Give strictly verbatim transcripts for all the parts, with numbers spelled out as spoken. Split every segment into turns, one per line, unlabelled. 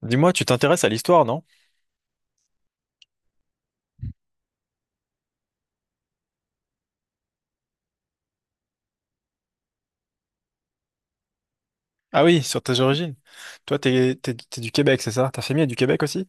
Dis-moi, tu t'intéresses à l'histoire, non? Ah oui, sur tes origines. Toi, t'es, t'es, t'es du Québec, c'est ça? Ta famille est du Québec aussi?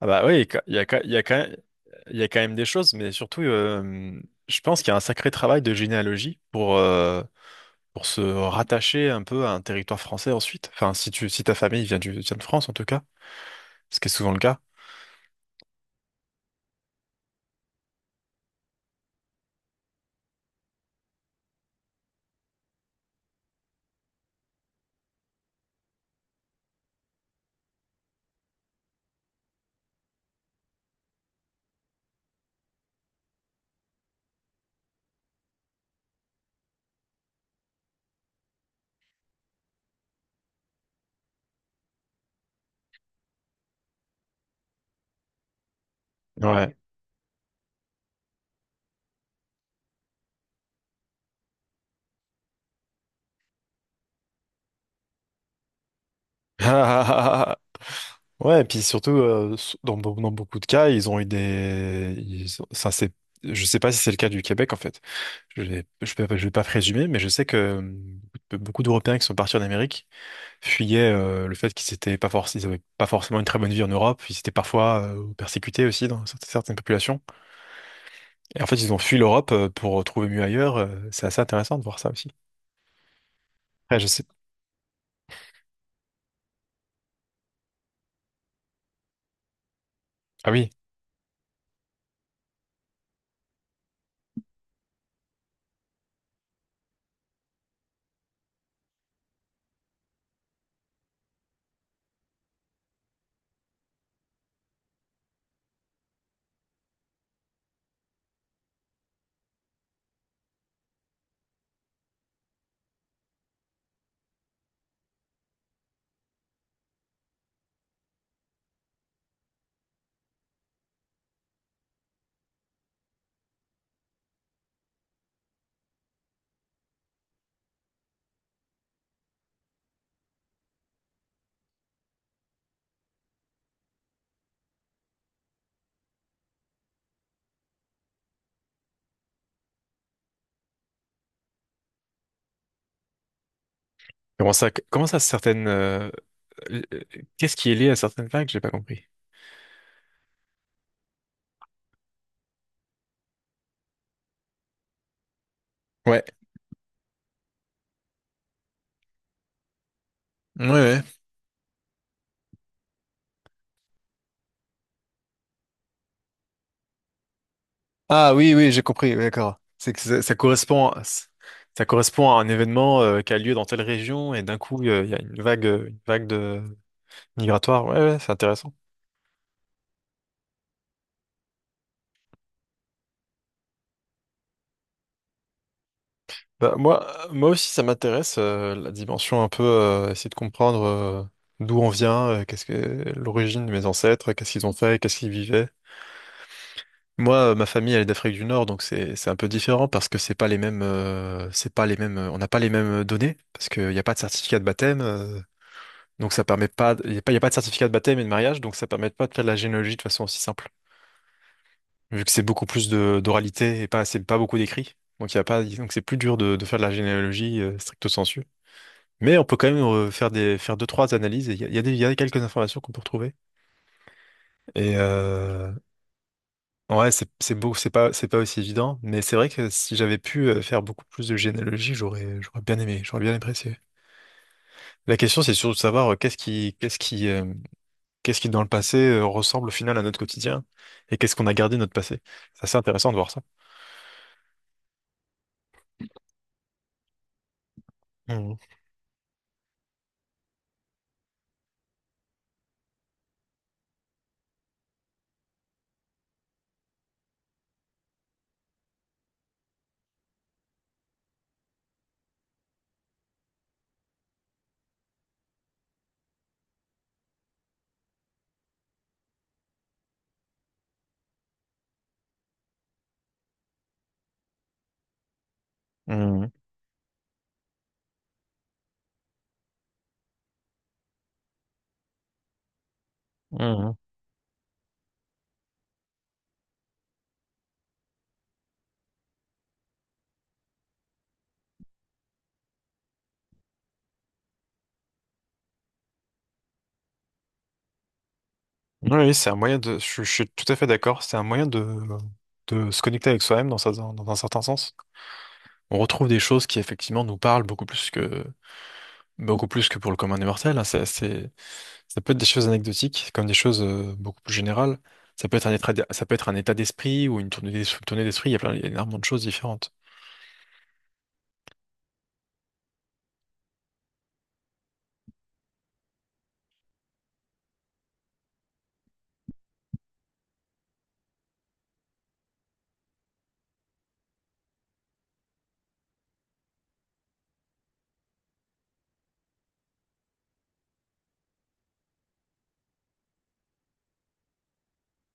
Ah bah oui, il y a, quand- il y a quand il y a quand même des choses, mais surtout, euh, je pense qu'il y a un sacré travail de généalogie pour, euh, pour se rattacher un peu à un territoire français ensuite. Enfin, si tu, si ta famille vient du, vient de France, en tout cas, ce qui est souvent le cas. Ouais. Ouais, et puis surtout, euh, s- dans, be- dans beaucoup de cas, ils ont eu des... ils ont- ça, c'est... Je sais pas si c'est le cas du Québec, en fait. Je ne vais, je peux- pas- je vais pas présumer, mais je sais que euh, beaucoup de- beaucoup d'Européens qui sont partis en Amérique fuyaient euh, le fait qu'ils étaient pas forc- ils avaient pas forcément une très bonne vie en Europe. Ils étaient parfois euh, persécutés aussi dans certaines certaines populations. Et en fait, ils ont fui l'Europe euh, pour trouver mieux ailleurs. Euh, C'est assez intéressant de voir ça aussi. Après, je sais. Ah oui, comment ça, comment ça? certaines... euh, euh, Qu'est-ce qui est lié à certaines vagues? J'ai pas compris. Ouais. Ouais, ouais. Ah oui, oui, j'ai compris, oui, d'accord. C'est que ça, ça correspond, ça correspond à un événement euh, qui a lieu dans telle région et d'un coup, euh, il y a une vague, euh, une vague de migratoire. Ouais, ouais, c'est intéressant. Bah, moi, euh, moi aussi, ça m'intéresse euh, la dimension un peu, euh, essayer de comprendre euh, d'où on vient, euh, qu'est-ce que l'origine de mes ancêtres, qu'est-ce qu'ils ont fait, qu'est-ce qu'ils vivaient. Moi, euh, ma famille, elle est d'Afrique du Nord, donc c'est c'est un peu différent parce que c'est pas les mêmes, euh, c'est pas les mêmes, on n'a pas les mêmes données parce qu'il n'y a pas de certificat de baptême. euh, Donc ça permet pas, il n'y a pas, y a pas de certificat de baptême et de mariage, donc ça permet pas de faire de la généalogie de façon aussi simple. Vu que c'est beaucoup plus de d'oralité et pas, c'est pas beaucoup d'écrit. Donc il y a pas, Donc c'est plus dur de, de faire de la généalogie euh, stricto sensu. Mais on peut quand même euh, faire des, faire deux, trois analyses et il y a, y a des, y a quelques informations qu'on peut retrouver. Et euh, ouais, c'est, c'est beau, c'est pas, c'est pas aussi évident, mais c'est vrai que si j'avais pu euh, faire beaucoup plus de généalogie, j'aurais, j'aurais bien aimé, j'aurais bien apprécié. La question, c'est surtout de savoir euh, qu'est-ce qui, qu'est-ce qui, euh, qu'est-ce qui, dans le passé, euh, ressemble au final à notre quotidien? Et qu'est-ce qu'on a gardé de notre passé? C'est assez intéressant de voir ça. Mhm. Mhm. Mhm. Oui, c'est un moyen de. Je, je suis tout à fait d'accord. C'est un moyen de, de se connecter avec soi-même dans, sa- dans, dans un certain sens. On retrouve des choses qui, effectivement, nous parlent beaucoup plus que, beaucoup plus que pour le commun des mortels, hein. C'est assez- Ça peut être des choses anecdotiques, comme des choses euh, beaucoup plus générales. Ça peut être un état, d- ça peut être un état d'esprit ou une tournée d'es- tournée d'esprit. Il y a plein, il y a énormément de choses différentes.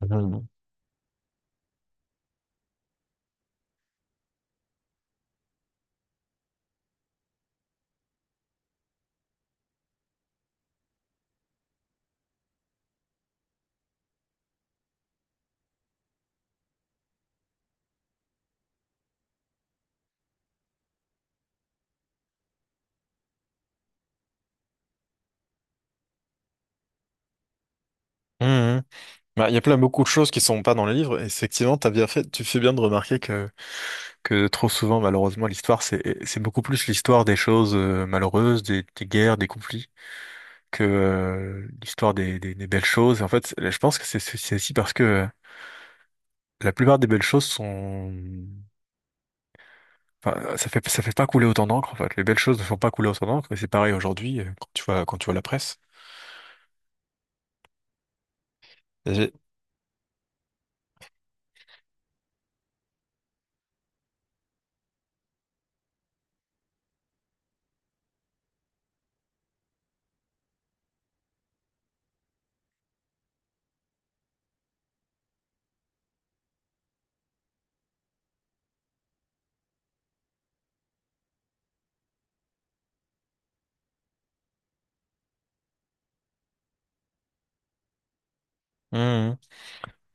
Mhm. Mhm. Bah, il y a plein beaucoup de choses qui sont pas dans les livres. Et effectivement, t'as bien fait, tu fais bien de remarquer que, que trop souvent, malheureusement, l'histoire, c'est, c'est beaucoup plus l'histoire des choses euh, malheureuses, des, des guerres, des conflits, que euh, l'histoire des, des, des belles choses. Et en fait, je pense que c'est c'est- c'est aussi parce que euh, la plupart des belles choses sont, enfin, ça fait, ça fait pas couler autant d'encre, en fait. Les belles choses ne font pas couler autant d'encre. Et c'est pareil aujourd'hui, euh, quand tu vois, quand tu vois la presse. Il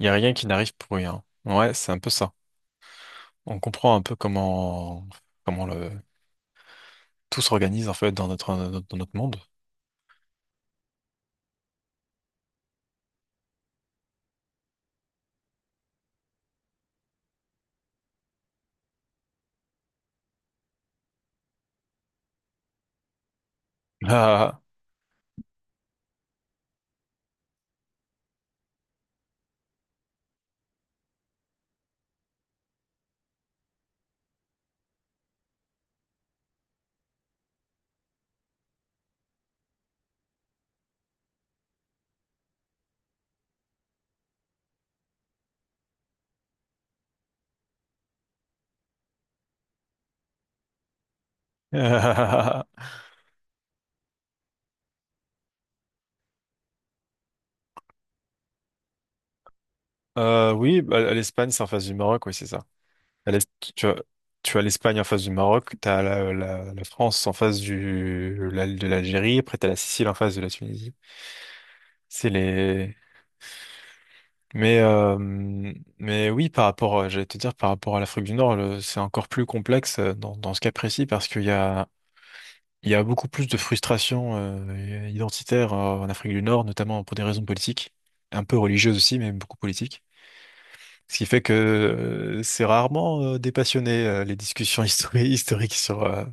y a rien qui n'arrive pour rien. Ouais, c'est un peu ça. On comprend un peu comment, comment le tout s'organise en fait dans notre, dans notre monde. Ah. Euh, oui, bah, l'Espagne, c'est en face du Maroc, oui, c'est ça. À l'est, tu as, tu as l'Espagne en face du Maroc, tu as la, la- la France en face du, la- de l'Algérie, après tu as la Sicile en face de la Tunisie. C'est les, Mais, euh, mais oui, par rapport, euh, j'allais te dire, par rapport à l'Afrique du Nord, le- c'est encore plus complexe euh, dans, dans ce cas précis parce qu'il y a, il y a beaucoup plus de frustration euh, identitaire euh, en Afrique du Nord, notamment pour des raisons politiques, un peu religieuses aussi, mais beaucoup politiques. Ce qui fait que euh, c'est rarement euh, dépassionné euh, les discussions histori- historiques sur, euh,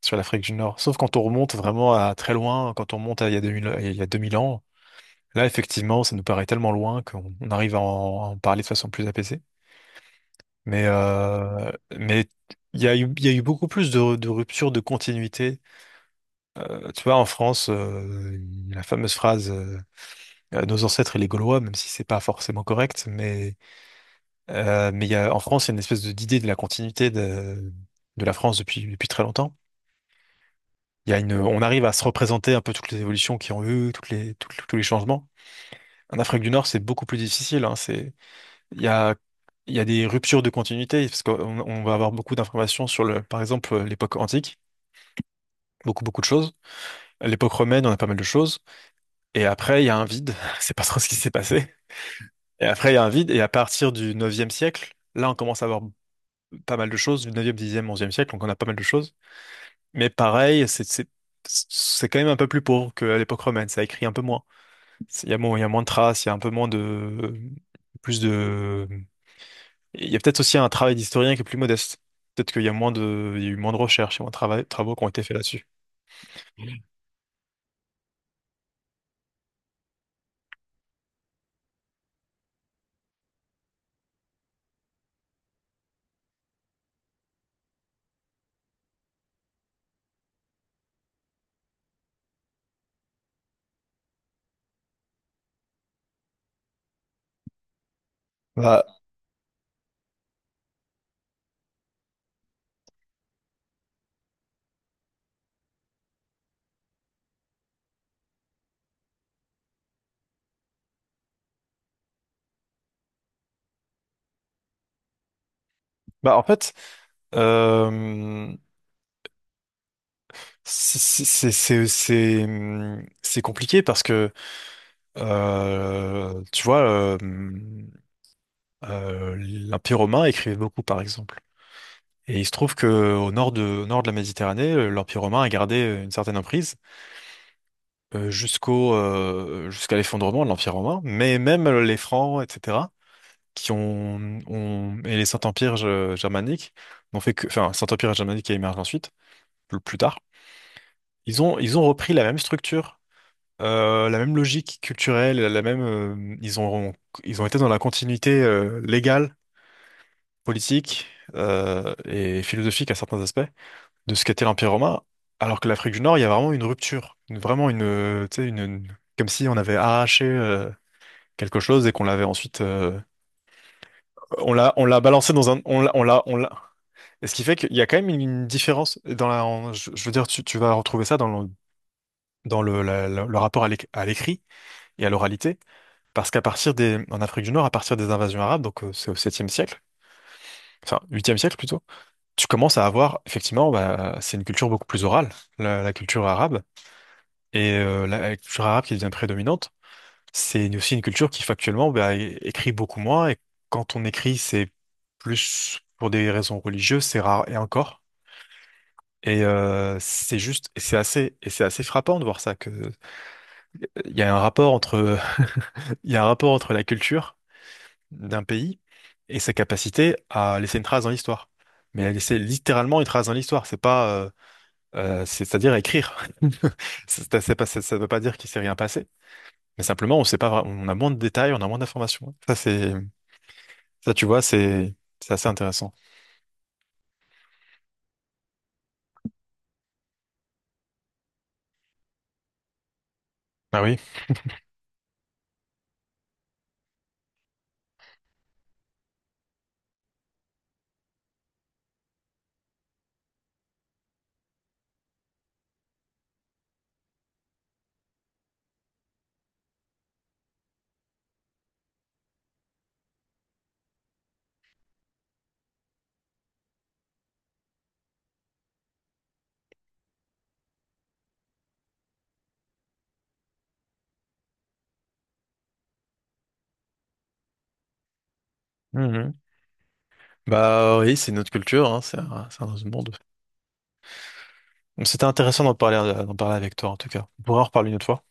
sur l'Afrique du Nord. Sauf quand on remonte vraiment à très loin, quand on remonte à il y a deux mille, il y a deux mille ans. Là, effectivement, ça nous paraît tellement loin qu'on on arrive à en à en parler de façon plus apaisée. Mais, euh, mais il y a eu, il y a eu beaucoup plus de, de ruptures de continuité. Euh, tu vois, en France, euh, la fameuse phrase euh, euh, Nos ancêtres et les Gaulois», même si c'est pas forcément correct, mais, euh, mais il y a, en France, il y a une espèce de- d'idée de la continuité de, de la France depuis, depuis très longtemps. Il y a une, On arrive à se représenter un peu toutes les évolutions qui ont eu, toutes les, toutes- tous les changements. En Afrique du Nord, c'est beaucoup plus difficile, hein. c'est, il y a Il y a des ruptures de continuité parce qu'on on va avoir beaucoup d'informations sur le, par exemple, euh, l'époque antique. Beaucoup, beaucoup de choses. À l'époque romaine, on a pas mal de choses. Et après, il y a un vide. C'est pas trop ce qui s'est passé. Et après, il y a un vide. Et à partir du neuvième siècle, là, on commence à avoir pas mal de choses. Du neuvième, dixième siècle, donc on a pas mal de choses. Mais pareil, c'est, c'est, c'est quand même un peu plus pauvre qu'à l'époque romaine. Ça écrit un peu moins. C'est- Il y a moins, il y a moins de traces, il y a un peu moins de, plus de, il y a peut-être aussi un travail d'historien qui est plus modeste. Peut-être qu'il y a moins de, il y a eu moins de recherches, il y a moins de travail- travaux qui ont été faits là-dessus. Bah, bah en fait, euh, C'est c'est- c'est- c'est, hum, c'est compliqué parce que, euh, tu vois, euh, hum, euh, l'Empire romain écrivait beaucoup, par exemple. Et il se trouve que au nord de, au nord de la Méditerranée, euh, l'Empire romain a gardé euh, une certaine emprise euh, jusqu'au, euh, jusqu'à l'effondrement de l'Empire romain. Mais même euh, les Francs, et cetera, qui ont, ont- et les Saint-Empires euh, germaniques n'ont fait que, enfin, Saint-Empire germanique qui a émergé ensuite, plus plus tard, ils ont, ils ont repris la même structure. Euh, la même logique culturelle, la même, euh, ils ont, ils ont été dans la continuité euh, légale, politique euh, et philosophique à certains aspects de ce qu'était l'Empire romain, alors que l'Afrique du Nord, il y a vraiment une rupture, une- vraiment une, euh, tu sais, une, une- comme si on avait arraché euh, quelque chose et qu'on l'avait ensuite, euh, on l'a, on l'a balancé dans un, on l'a, on l'a, on l'a. Et ce qui fait qu'il y a quand même une une différence dans la, en- je, je veux dire, tu, tu vas retrouver ça dans le, dans le, la- la- le rapport à l'éc- à l'écrit et à l'oralité. Parce qu'à partir des, en Afrique du Nord, à partir des invasions arabes, donc euh, c'est au septième siècle, enfin huitième siècle plutôt, tu commences à avoir, effectivement, bah, c'est une culture beaucoup plus orale, la, la culture arabe. Et euh, la, la culture arabe qui devient prédominante, c'est une- aussi une culture qui factuellement bah, é- écrit beaucoup moins. Et quand on écrit, c'est plus pour des raisons religieuses, c'est rare et encore. Et euh, c'est juste, et c'est assez, et c'est assez frappant de voir ça que euh, il y a un rapport entre, il y a un rapport entre la culture d'un pays et sa capacité à laisser une trace dans l'histoire. Mais à laisser littéralement une trace dans l'histoire, c'est pas, euh, euh, c'est- c'est-à-dire écrire. C'est- c'est pas- Ça ne veut pas dire qu'il s'est rien passé, mais simplement on sait pas, vra- on a moins de détails, on a moins d'informations. Ça c'est, ça, tu vois, c'est, c'est assez intéressant. Ah oui. Mhm. Bah oui, c'est notre culture, hein, c'est un, c'est un autre monde. Donc, c'était intéressant d'en parler, euh, d'en parler avec toi en tout cas. On pourra en reparler une autre fois.